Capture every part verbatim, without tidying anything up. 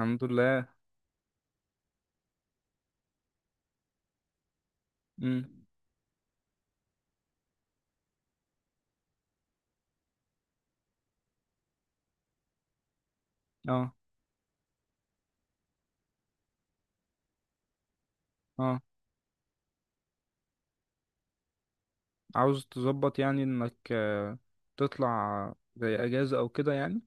الحمد لله. امم. اه، اه. عاوز تظبط يعني انك آه، تطلع زي اجازة او كده يعني.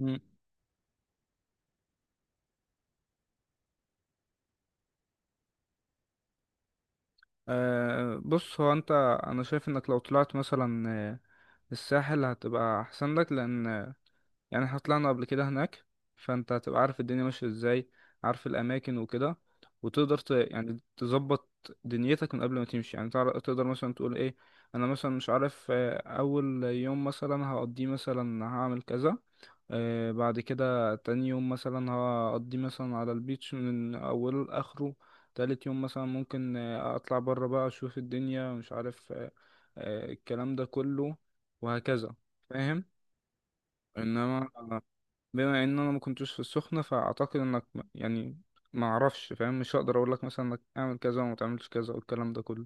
امم. آه بص هو انت. انا شايف انك لو طلعت مثلا آه، الساحل هتبقى احسن لك، لان آه، يعني احنا طلعنا قبل كده هناك، فانت هتبقى عارف الدنيا ماشية ازاي، عارف الاماكن وكده، وتقدر ت... يعني تظبط دنيتك من قبل ما تمشي، يعني تعر- تقدر مثلا تقول ايه. انا مثلا مش عارف، آه، اول يوم مثلا هقضيه مثلا هعمل كذا. آه، بعد كده تاني يوم مثلا هقضي مثلا على البيتش من اوله لاخره. تالت يوم مثلا ممكن آه، اطلع بره بقى اشوف الدنيا، مش عارف آه، آه، الكلام ده كله، وهكذا. فاهم؟ انما بما ان انا ما كنتش في السخنة، فاعتقد انك م- يعني ما اعرفش، فاهم؟ مش هقدر اقول لك مثلا انك اعمل كذا وما تعملش كذا والكلام ده كله.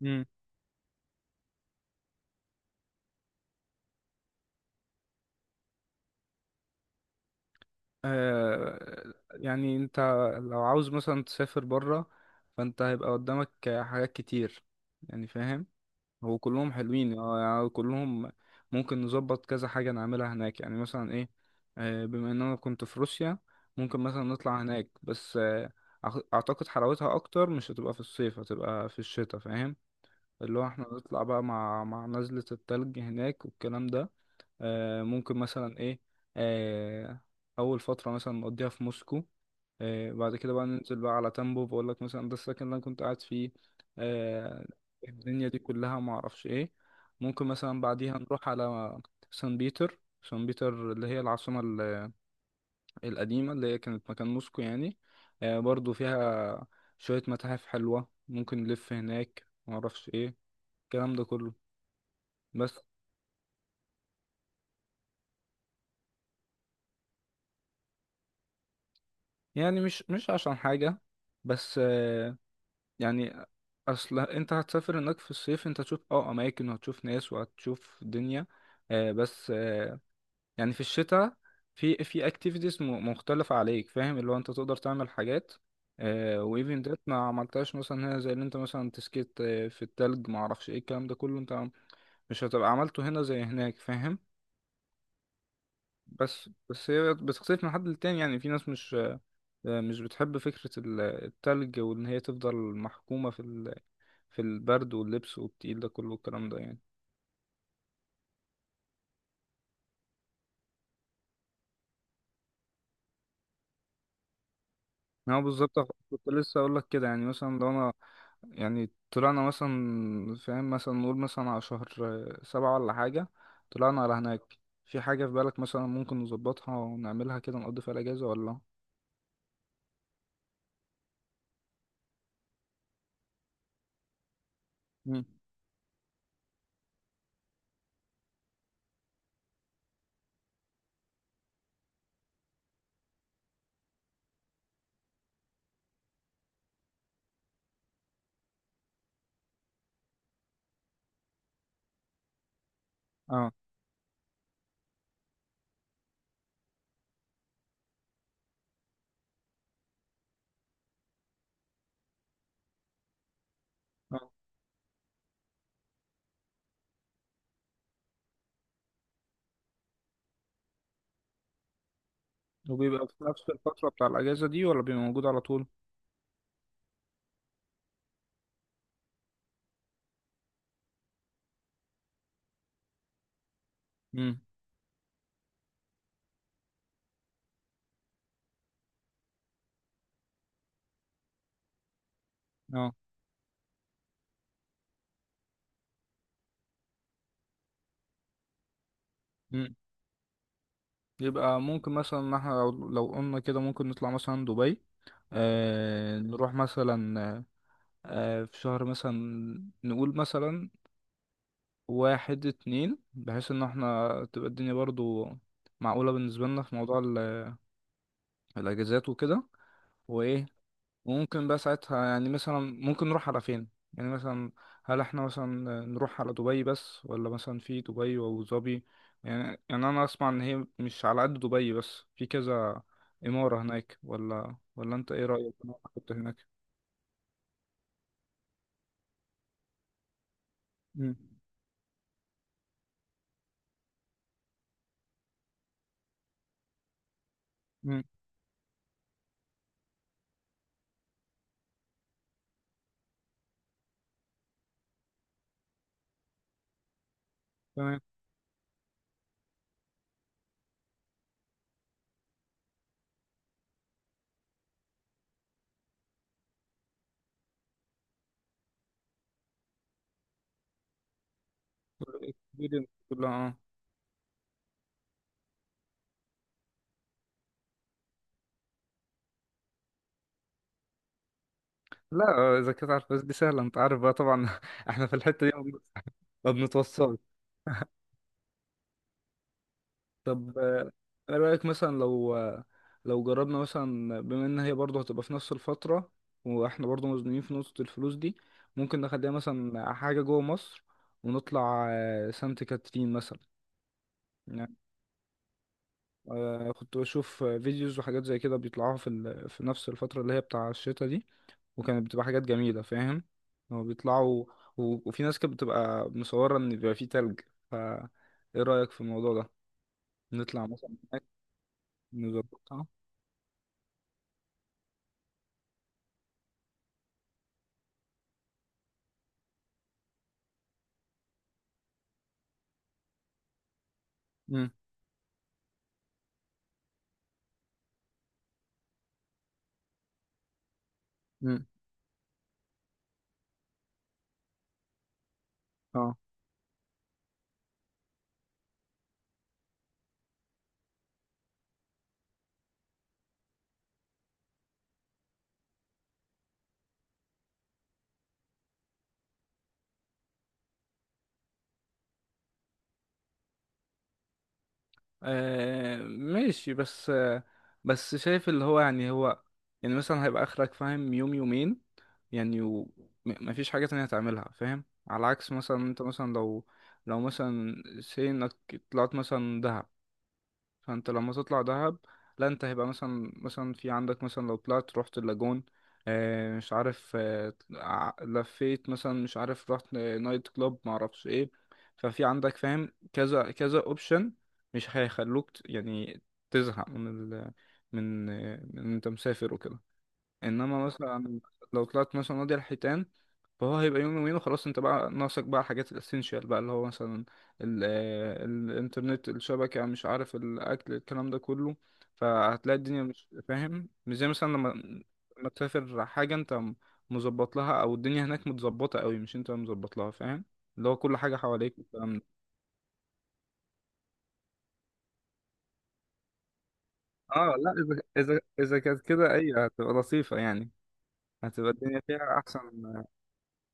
مم. آه، يعني انت لو عاوز مثلا تسافر بره، فانت هيبقى قدامك حاجات كتير يعني. فاهم؟ هو كلهم حلوين، اه، يعني كلهم ممكن نظبط كذا حاجة نعملها هناك، يعني مثلا ايه. آه، بما ان انا كنت في روسيا، ممكن مثلا نطلع هناك، بس آه، أعت- اعتقد حلاوتها اكتر مش هتبقى في الصيف، هتبقى في الشتاء. فاهم؟ اللي هو احنا نطلع بقى مع مع نزلة التلج هناك والكلام ده. آه، ممكن مثلا ايه. آه، اول فتره مثلا نقضيها في موسكو. آه، بعد كده بقى ننزل بقى على تامبوف، بقول لك مثلا ده السكن اللي انا كنت قاعد فيه. آه، الدنيا دي كلها ما اعرفش ايه. ممكن مثلا بعديها نروح على سان بيتر. سان بيتر اللي هي العاصمه ال- القديمه اللي هي كانت مكان موسكو يعني. آه، برضو فيها شويه متاحف حلوه، ممكن نلف هناك ما اعرفش ايه الكلام ده كله. بس يعني مش مش عشان حاجه، بس آه، يعني اصل انت هتسافر هناك في الصيف، انت هتشوف اه اماكن وهتشوف ناس وهتشوف دنيا. آه بس آه يعني في الشتاء في في اكتيفيتيز مختلفة عليك. فاهم؟ اللي هو انت تقدر تعمل حاجات. آه وايفن ديت ما عملتهاش مثلا هنا، زي اللي انت مثلا تسكيت آه، في التلج ما اعرفش ايه الكلام ده كله. انت مش هتبقى عملته هنا زي هناك. فاهم؟ بس بس هي بتختلف من حد للتاني، يعني في ناس مش مش بتحب فكرة ال- التلج، وإن هي تفضل محكومة في ال... في البرد واللبس والتقيل ده كله الكلام ده يعني. أنا بالظبط أخ- كنت لسه أقول لك كده، يعني مثلا لو أنا يعني طلعنا مثلا، فاهم، مثلا نقول مثلا على شهر آه، سبعة ولا حاجة، طلعنا على هناك. في حاجة في بالك مثلا ممكن نظبطها ونعملها كده نقضي فيها الأجازة ولا؟ مم. اه. اه. وبيبقى في نفس الفترة بتاع الأجازة دي ولا بيبقى موجود على طول؟ مم. اه. يبقى ممكن مثلا ان احنا لو لو قلنا كده ممكن نطلع مثلا دبي. آه نروح مثلا آه في شهر مثلا، نقول مثلا واحد اتنين، بحيث ان احنا تبقى الدنيا برضو معقولة بالنسبة لنا في موضوع ال- الاجازات وكده. وايه، ممكن بقى ساعتها يعني مثلا ممكن نروح على فين؟ يعني مثلا، هل احنا مثلا نروح على دبي بس، ولا مثلا في دبي وابو ظبي؟ يعني، يعني انا اسمع ان هي مش على قد دبي، بس في كذا إمارة هناك. ولا ولا انت ايه رأيك؟ انا كنت هناك. مم. مم. تمام. الدنيا كلها اه. لا، اذا كنت عارف بس دي سهلة انت عارف بقى طبعا. احنا في الحتة دي ما بنتوصلش. طب آه، انا رايك مثلا لو آه، لو جربنا مثلا بما ان هي برضه هتبقى في نفس الفتره، واحنا برضه مزنوقين في نقطه الفلوس دي، ممكن نخليها مثلا حاجه جوه مصر، ونطلع آه، سانت كاترين مثلا يعني. آه، كنت بشوف آه، فيديوز وحاجات زي كده بيطلعوها في ال... في نفس الفتره اللي هي بتاع الشتا دي، وكانت بتبقى حاجات جميله. فاهم؟ هو بيطلعوا، و... وفي ناس كانت بتبقى مصوره ان بيبقى فيه تلج، فا ايه رايك في الموضوع ده؟ نطلع مثلا هناك نظبطها. مم. اه. آه، ماشي. بس آه، بس شايف اللي هو يعني هو يعني مثلا هيبقى اخرك فاهم يوم يومين، يعني و... م- مفيش حاجة تانية هتعملها. فاهم؟ على عكس مثلا انت مثلا لو لو مثلا سي انك طلعت مثلا دهب، فانت لما تطلع دهب، لا انت هيبقى مثلا مثلا في عندك مثلا لو طلعت رحت اللاجون، آه، مش عارف آه، ع- لفيت مثلا مش عارف رحت نايت كلوب معرفش ايه، ففي عندك فاهم كذا كذا اوبشن مش هيخلوك ت- يعني تزهق من ال من آه، من انت مسافر وكده. انما مثلا لو طلعت مثلا وادي الحيتان فهو هيبقى يوم يومين وخلاص، انت بقى ناقصك بقى حاجات الاسينشال بقى اللي هو مثلا ال آه، الانترنت الشبكة مش عارف الاكل الكلام ده كله، فهتلاقي الدنيا مش فاهم مش زي مثلا لما لما تسافر حاجة انت م- مظبط لها او الدنيا هناك متظبطة قوي مش انت مظبط لها. فاهم؟ اللي هو كل حاجة حواليك والكلام ده. اه. لا اذا اذا اذا كانت كده ايوه هتبقى لطيفة يعني. هتبقى الدنيا فيها احسن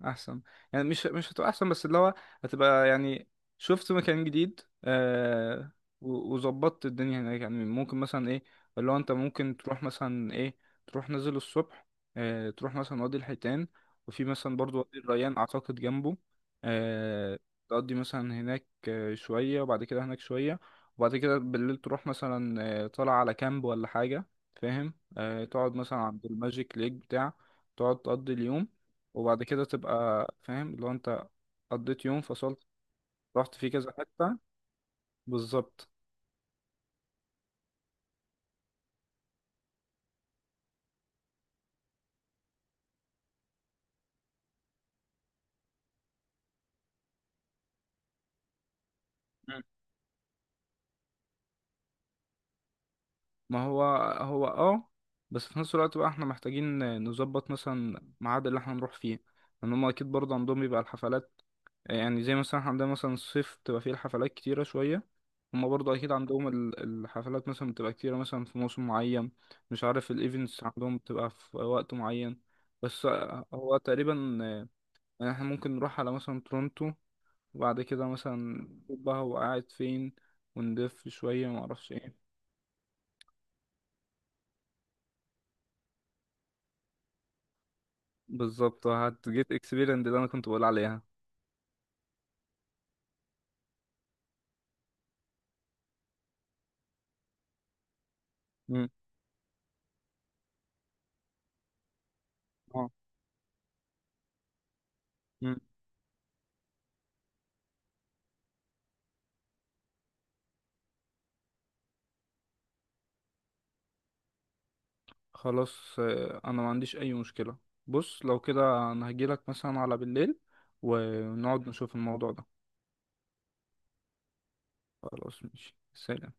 احسن، يعني مش مش هتبقى احسن بس اللي هو هتبقى يعني شفت مكان جديد آه، و- وظبطت الدنيا هناك. يعني ممكن مثلا ايه، اللي هو انت ممكن تروح مثلا ايه، تروح نازل الصبح آه تروح مثلا وادي الحيتان، وفي مثلا برضو وادي الريان اعتقد جنبه آه، تقضي مثلا هناك آه، شوية وبعد كده هناك شوية، وبعد كده بالليل تروح مثلا آه، طالع على كامب ولا حاجة، فاهم، آه تقعد مثلا عند الماجيك ليك بتاع تقعد تقضي اليوم، وبعد كده تبقى فاهم لو انت قضيت يوم فصلت رحت فيه كذا حتة. بالظبط. مم. ما هو هو اه، بس في نفس الوقت بقى احنا محتاجين نظبط مثلا ميعاد اللي احنا نروح فيه، لان هم اكيد برضه عندهم بيبقى الحفلات، يعني زي مثلا احنا عندنا مثلا الصيف بتبقى فيه الحفلات كتيرة شوية، هم برضه اكيد عندهم ال- الحفلات مثلا بتبقى كتيرة مثلا في موسم معين، مش عارف الايفنتس عندهم بتبقى في وقت معين. بس هو تقريبا يعني احنا ممكن نروح على مثلا تورونتو، وبعد كده مثلا نشوف بقى هو قاعد فين ونلف شوية معرفش ايه. بالظبط هتجيت اكسبيرينس اللي انا كنت بقول عليها. مم. اه. مم. خلاص آه، انا ما عنديش اي مشكلة. بص لو كده انا هجيلك مثلا على بالليل ونقعد نشوف الموضوع ده. خلاص ماشي، سلام.